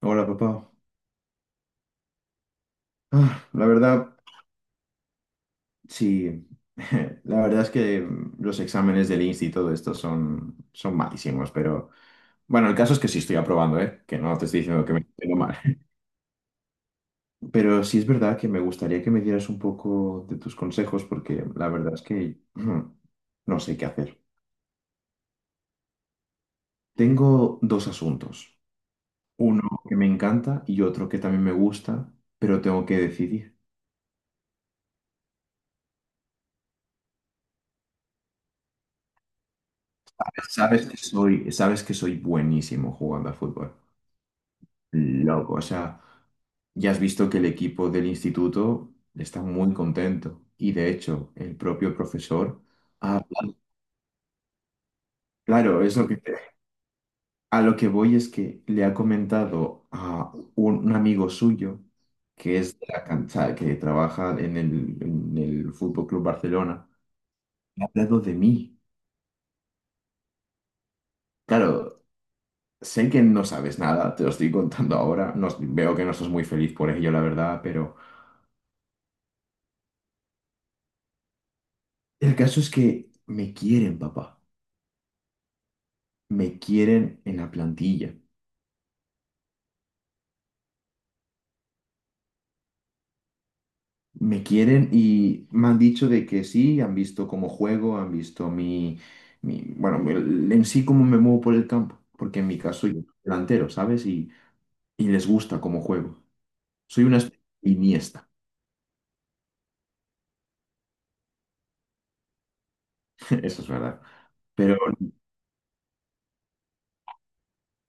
Hola, papá. Ah, la verdad, sí. La verdad es que los exámenes del INSS y todo esto son malísimos, pero bueno, el caso es que sí estoy aprobando, ¿eh? Que no te estoy diciendo que me tengo mal. Pero sí es verdad que me gustaría que me dieras un poco de tus consejos, porque la verdad es que no sé qué hacer. Tengo dos asuntos. Uno que me encanta y otro que también me gusta, pero tengo que decidir. Sabes que soy buenísimo jugando a fútbol. Loco, o sea, ya has visto que el equipo del instituto está muy contento y de hecho el propio profesor ha hablado. Claro, es lo que te- a lo que voy es que le ha comentado a un amigo suyo que es de la cancha, que trabaja en el Fútbol Club Barcelona, le ha hablado de mí. Claro, sé que no sabes nada, te lo estoy contando ahora, veo que no estás muy feliz por ello, la verdad, pero el caso es que me quieren, papá. Me quieren en la plantilla. Me quieren y me han dicho de que sí, han visto cómo juego, han visto bueno, en sí cómo me muevo por el campo, porque en mi caso yo soy delantero, ¿sabes? Y les gusta cómo juego. Soy una especie de Iniesta, eso es verdad. Pero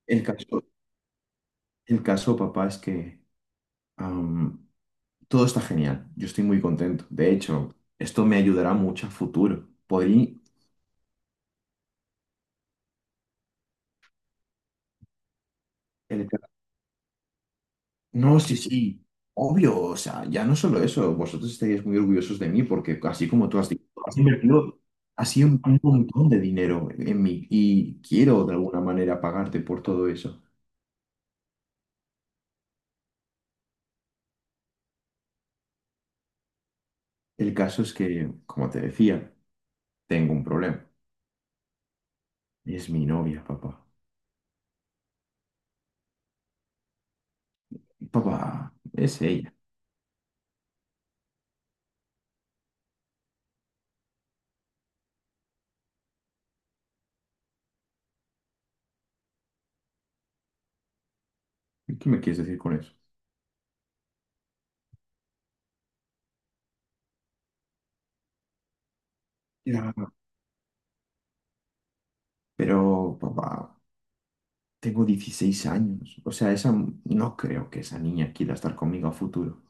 el caso, el caso, papá, es que am, todo está genial. Yo estoy muy contento. De hecho, esto me ayudará mucho a futuro. Podría... No, sí, sí, obvio, o sea, ya no solo eso, vosotros estaríais muy orgullosos de mí porque así como tú has dicho, has invertido, has sido un montón de dinero en mí y quiero de alguna manera pagarte por todo eso. El caso es que, como te decía, tengo un problema. Es mi novia, papá. Papá, es ella. ¿Qué me quieres decir con eso? Ya. Pero, papá, tengo 16 años. O sea, no creo que esa niña quiera estar conmigo a futuro.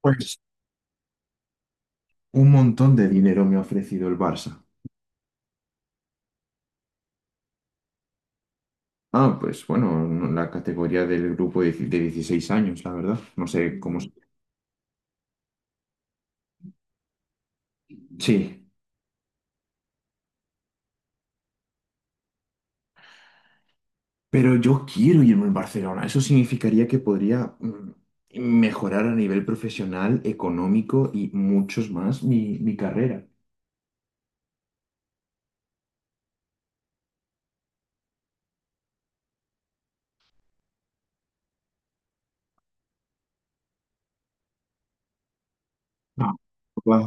Pues un montón de dinero me ha ofrecido el Barça. Ah, pues bueno, la categoría del grupo de 16 años, la verdad. No sé cómo. Sí, pero yo quiero irme al Barcelona. Eso significaría que podría mejorar a nivel profesional, económico y muchos más mi carrera. No, papá,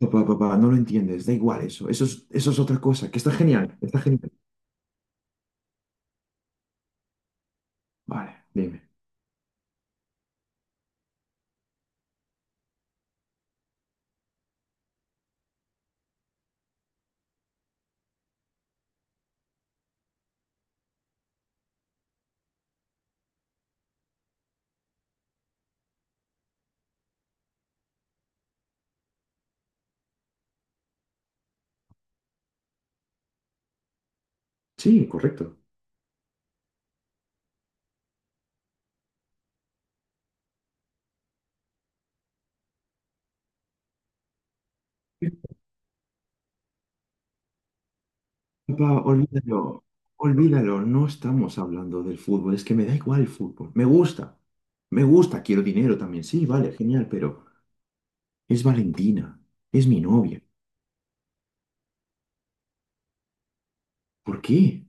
papá, papá, no lo entiendes. Da igual eso. Eso es otra cosa, que está genial. Está genial. Vale, dime. Sí, correcto. Papá, olvídalo, olvídalo, no estamos hablando del fútbol, es que me da igual el fútbol, me gusta, quiero dinero también, sí, vale, genial, pero es Valentina, es mi novia, ¿por qué?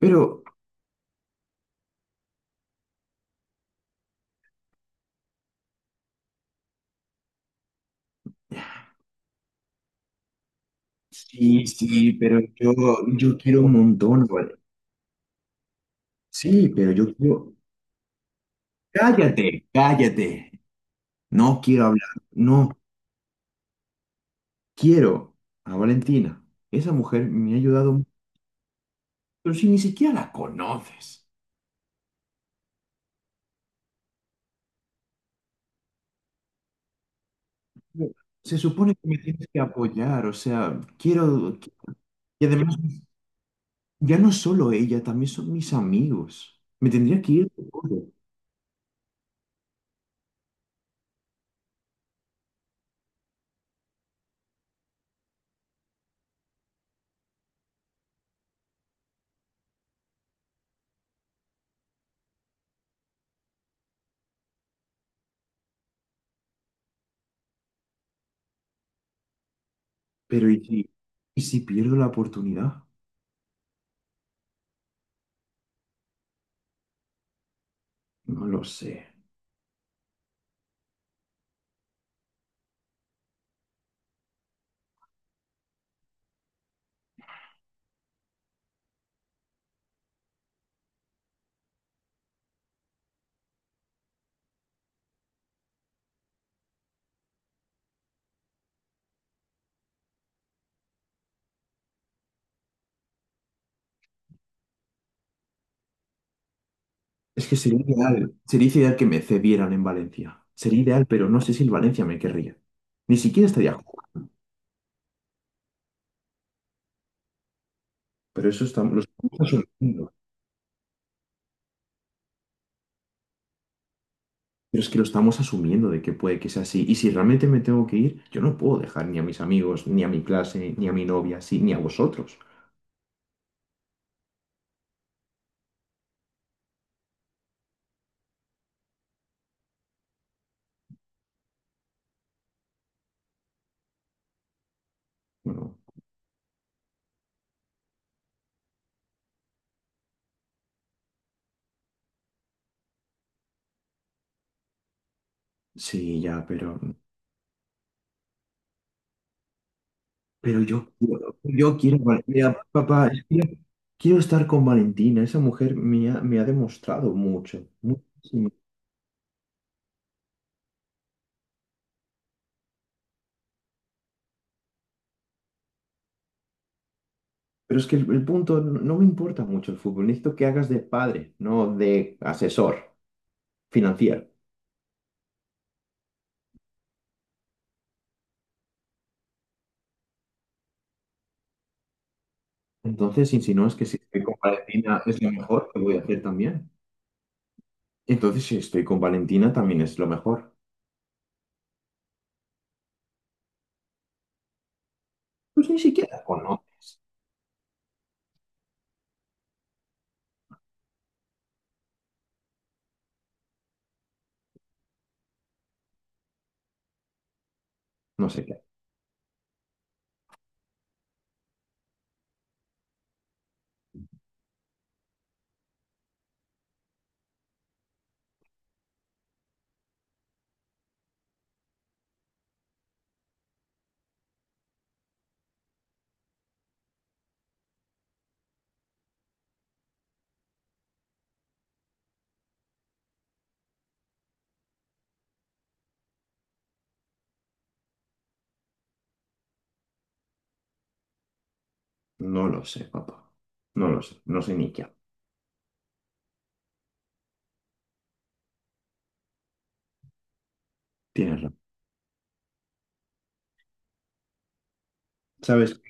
Pero, sí, sí, pero yo quiero un montón, vale. Sí, pero yo quiero, cállate, cállate, no quiero hablar, no, quiero a Valentina, esa mujer me ha ayudado, mucho, pero si ni siquiera la conoces. Se supone que me tienes que apoyar, o sea, quiero... Y además, ya no solo ella, también son mis amigos. Me tendría que ir de todo. Pero y si pierdo la oportunidad? No lo sé. Es que sería ideal. Sería ideal que me cedieran en Valencia. Sería ideal, pero no sé si el Valencia me querría. Ni siquiera estaría jugando. Pero eso estamos, lo estamos asumiendo. Pero es que lo estamos asumiendo de que puede que sea así. Y si realmente me tengo que ir, yo no puedo dejar ni a mis amigos, ni a mi clase, ni a mi novia, así, ni a vosotros. Bueno, sí, ya, pero yo quiero, mira, papá, es que yo quiero estar con Valentina. Esa mujer me ha demostrado mucho, muchísimo. Pero es que el punto, no, no me importa mucho el fútbol. Necesito que hagas de padre, no de asesor financiero. Entonces, si no es que si estoy con Valentina es lo mejor que voy a hacer también. Entonces, si estoy con Valentina también es lo mejor. Pues ni siquiera conoces. No sé qué. No lo sé, papá. No lo sé. No sé ni qué. Tienes razón. ¿Sabes?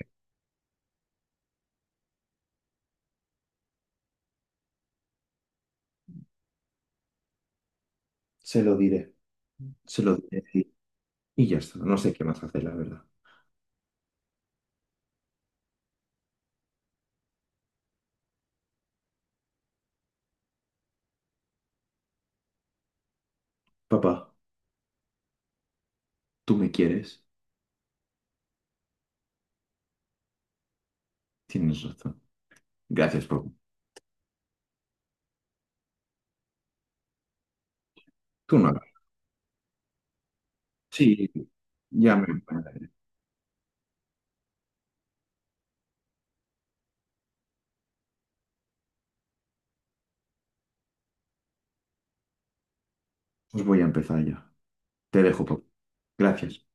Se lo diré, se lo diré. Y ya está, no sé qué más hacer, la verdad. Papá, tú me quieres, tienes razón. Gracias por... Tú no. Sí, ya me... Pues voy a empezar ya. Te dejo, papá. Gracias.